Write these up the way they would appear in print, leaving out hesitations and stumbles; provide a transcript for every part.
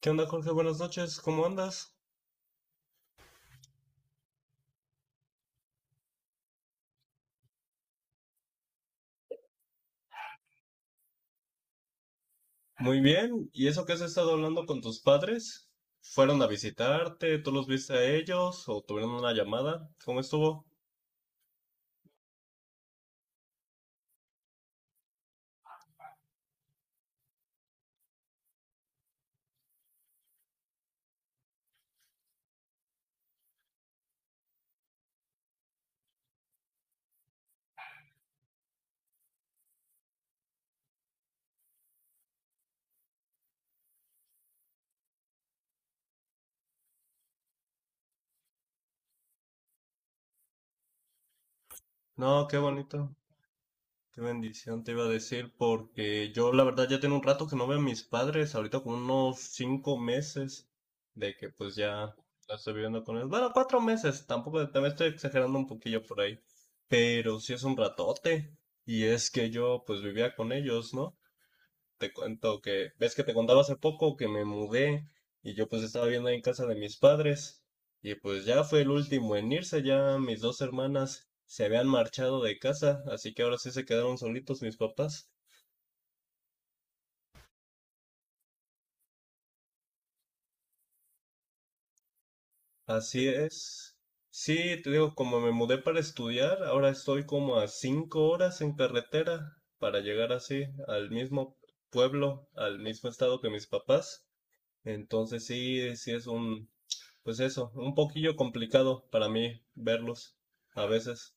¿Qué onda, Jorge? Buenas noches, ¿cómo andas? Muy bien, ¿y eso que has estado hablando con tus padres? ¿Fueron a visitarte? ¿Tú los viste a ellos? ¿O tuvieron una llamada? ¿Cómo estuvo? No, qué bonito, qué bendición te iba a decir, porque yo la verdad ya tengo un rato que no veo a mis padres, ahorita como unos 5 meses de que pues ya la estoy viviendo con ellos. Bueno, 4 meses, tampoco, también estoy exagerando un poquillo por ahí, pero sí es un ratote, y es que yo pues vivía con ellos, ¿no? Te cuento que, ves que te contaba hace poco que me mudé y yo pues estaba viendo ahí en casa de mis padres y pues ya fue el último en irse, ya mis dos hermanas se habían marchado de casa, así que ahora sí se quedaron solitos mis papás. Así es. Sí, te digo, como me mudé para estudiar, ahora estoy como a 5 horas en carretera para llegar así al mismo pueblo, al mismo estado que mis papás. Entonces sí, sí es un, pues eso, un poquillo complicado para mí verlos a veces.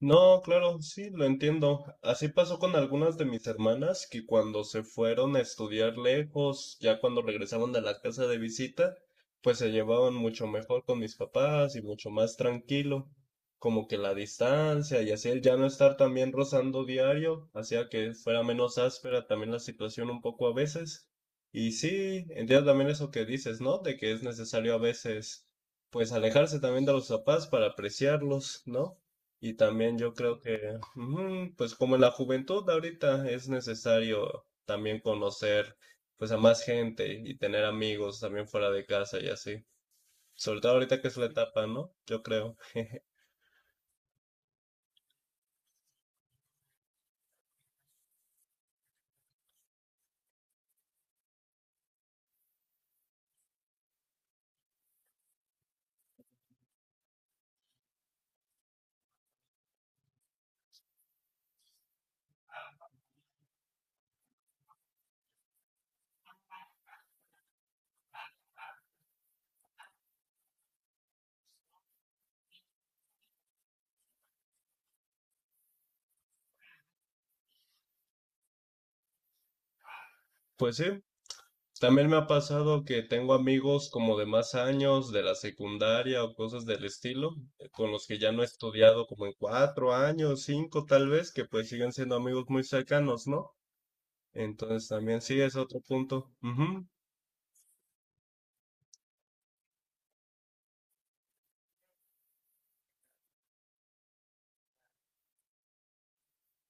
No, claro, sí, lo entiendo. Así pasó con algunas de mis hermanas que cuando se fueron a estudiar lejos, ya cuando regresaban de la casa de visita, pues se llevaban mucho mejor con mis papás y mucho más tranquilo. Como que la distancia y así el ya no estar también rozando diario hacía que fuera menos áspera también la situación un poco a veces. Y sí, entiendo también eso que dices, ¿no? De que es necesario a veces, pues alejarse también de los papás para apreciarlos, ¿no? Y también yo creo que, ujú, pues como en la juventud de ahorita es necesario también conocer pues a más gente y tener amigos también fuera de casa y así. Sobre todo ahorita que es la etapa, ¿no? Yo creo. Pues sí, también me ha pasado que tengo amigos como de más años, de la secundaria o cosas del estilo, con los que ya no he estudiado como en 4 años, 5 tal vez, que pues siguen siendo amigos muy cercanos, ¿no? Entonces también sí es otro punto. Ujú,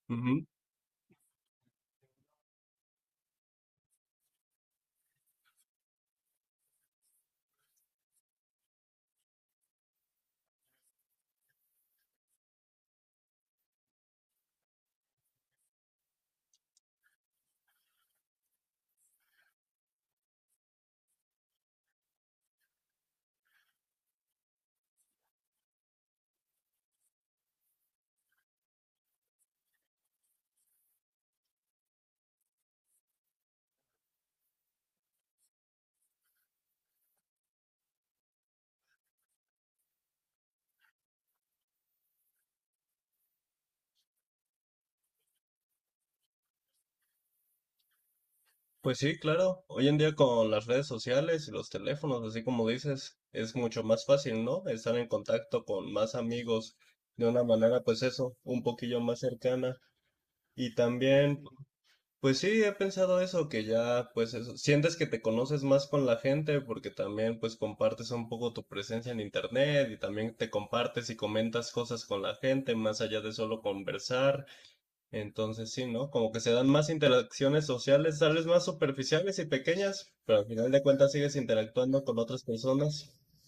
ujú. Pues sí, claro. Hoy en día con las redes sociales y los teléfonos, así como dices, es mucho más fácil, ¿no? Estar en contacto con más amigos de una manera, pues eso, un poquillo más cercana. Y también, pues sí, he pensado eso, que ya, pues eso, sientes que te conoces más con la gente porque también, pues compartes un poco tu presencia en internet y también te compartes y comentas cosas con la gente más allá de solo conversar. Entonces sí, ¿no? Como que se dan más interacciones sociales, tal vez más superficiales y pequeñas, pero al final de cuentas sigues interactuando con otras personas.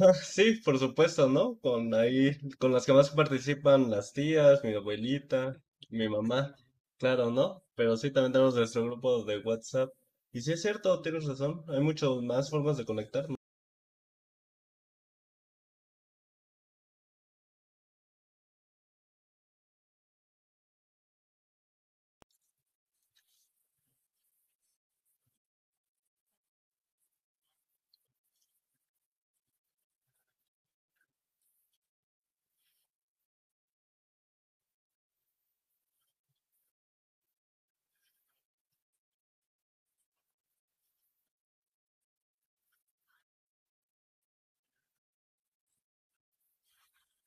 Ah, sí, por supuesto, ¿no? Con ahí, con las que más participan las tías, mi abuelita, mi mamá, claro, ¿no? Pero sí, también tenemos nuestro grupo de WhatsApp. Y sí es cierto, tienes razón, hay muchas más formas de conectarnos.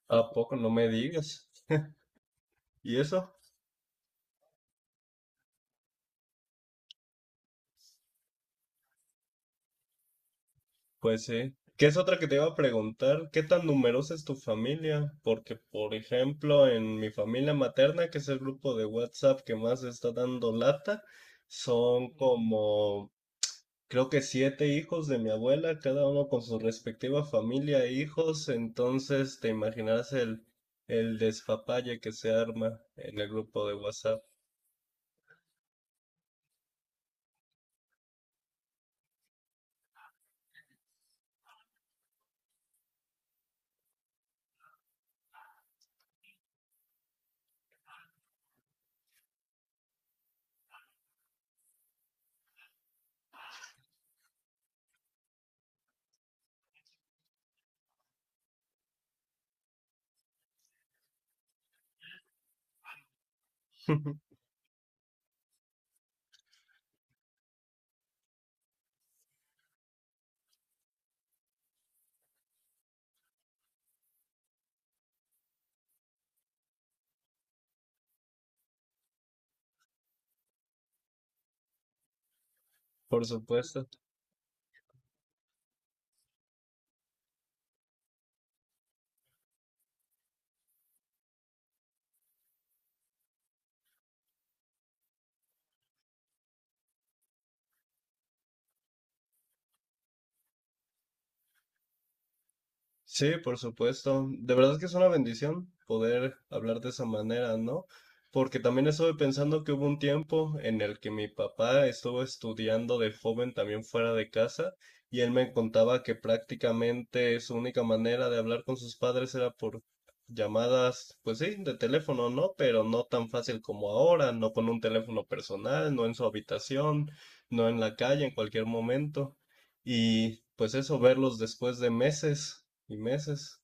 ¿A poco? No me digas. ¿Y eso? Pues sí. ¿Qué es otra que te iba a preguntar? ¿Qué tan numerosa es tu familia? Porque, por ejemplo, en mi familia materna, que es el grupo de WhatsApp que más está dando lata, son como, creo que 7 hijos de mi abuela, cada uno con su respectiva familia e hijos. Entonces, te imaginarás el despapalle que se arma en el grupo de WhatsApp. Por supuesto. Sí, por supuesto. De verdad que es una bendición poder hablar de esa manera, ¿no? Porque también estuve pensando que hubo un tiempo en el que mi papá estuvo estudiando de joven también fuera de casa y él me contaba que prácticamente su única manera de hablar con sus padres era por llamadas, pues sí, de teléfono, ¿no? Pero no tan fácil como ahora, no con un teléfono personal, no en su habitación, no en la calle, en cualquier momento. Y pues eso, verlos después de meses y meses.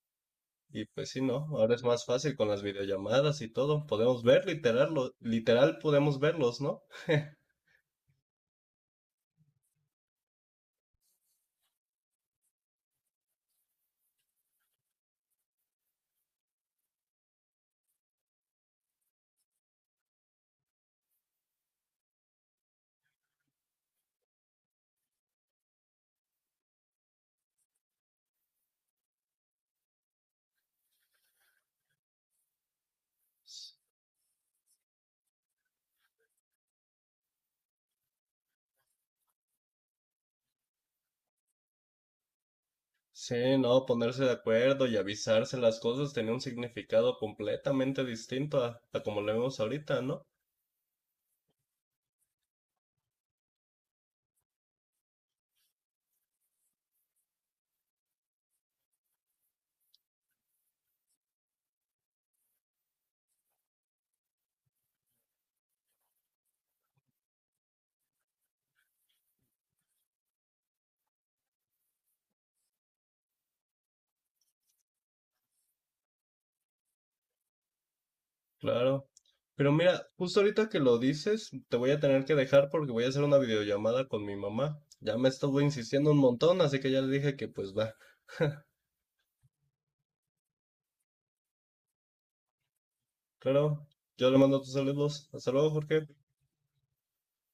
Y pues sí, ¿no? Ahora es más fácil con las videollamadas y todo. Podemos ver literal, literal podemos verlos, ¿no? Sí, no, ponerse de acuerdo y avisarse las cosas tenía un significado completamente distinto a como lo vemos ahorita, ¿no? Claro. Pero mira, justo ahorita que lo dices, te voy a tener que dejar porque voy a hacer una videollamada con mi mamá. Ya me estuvo insistiendo un montón, así que ya le dije que pues va. Claro, yo le mando tus saludos. Hasta luego, Jorge.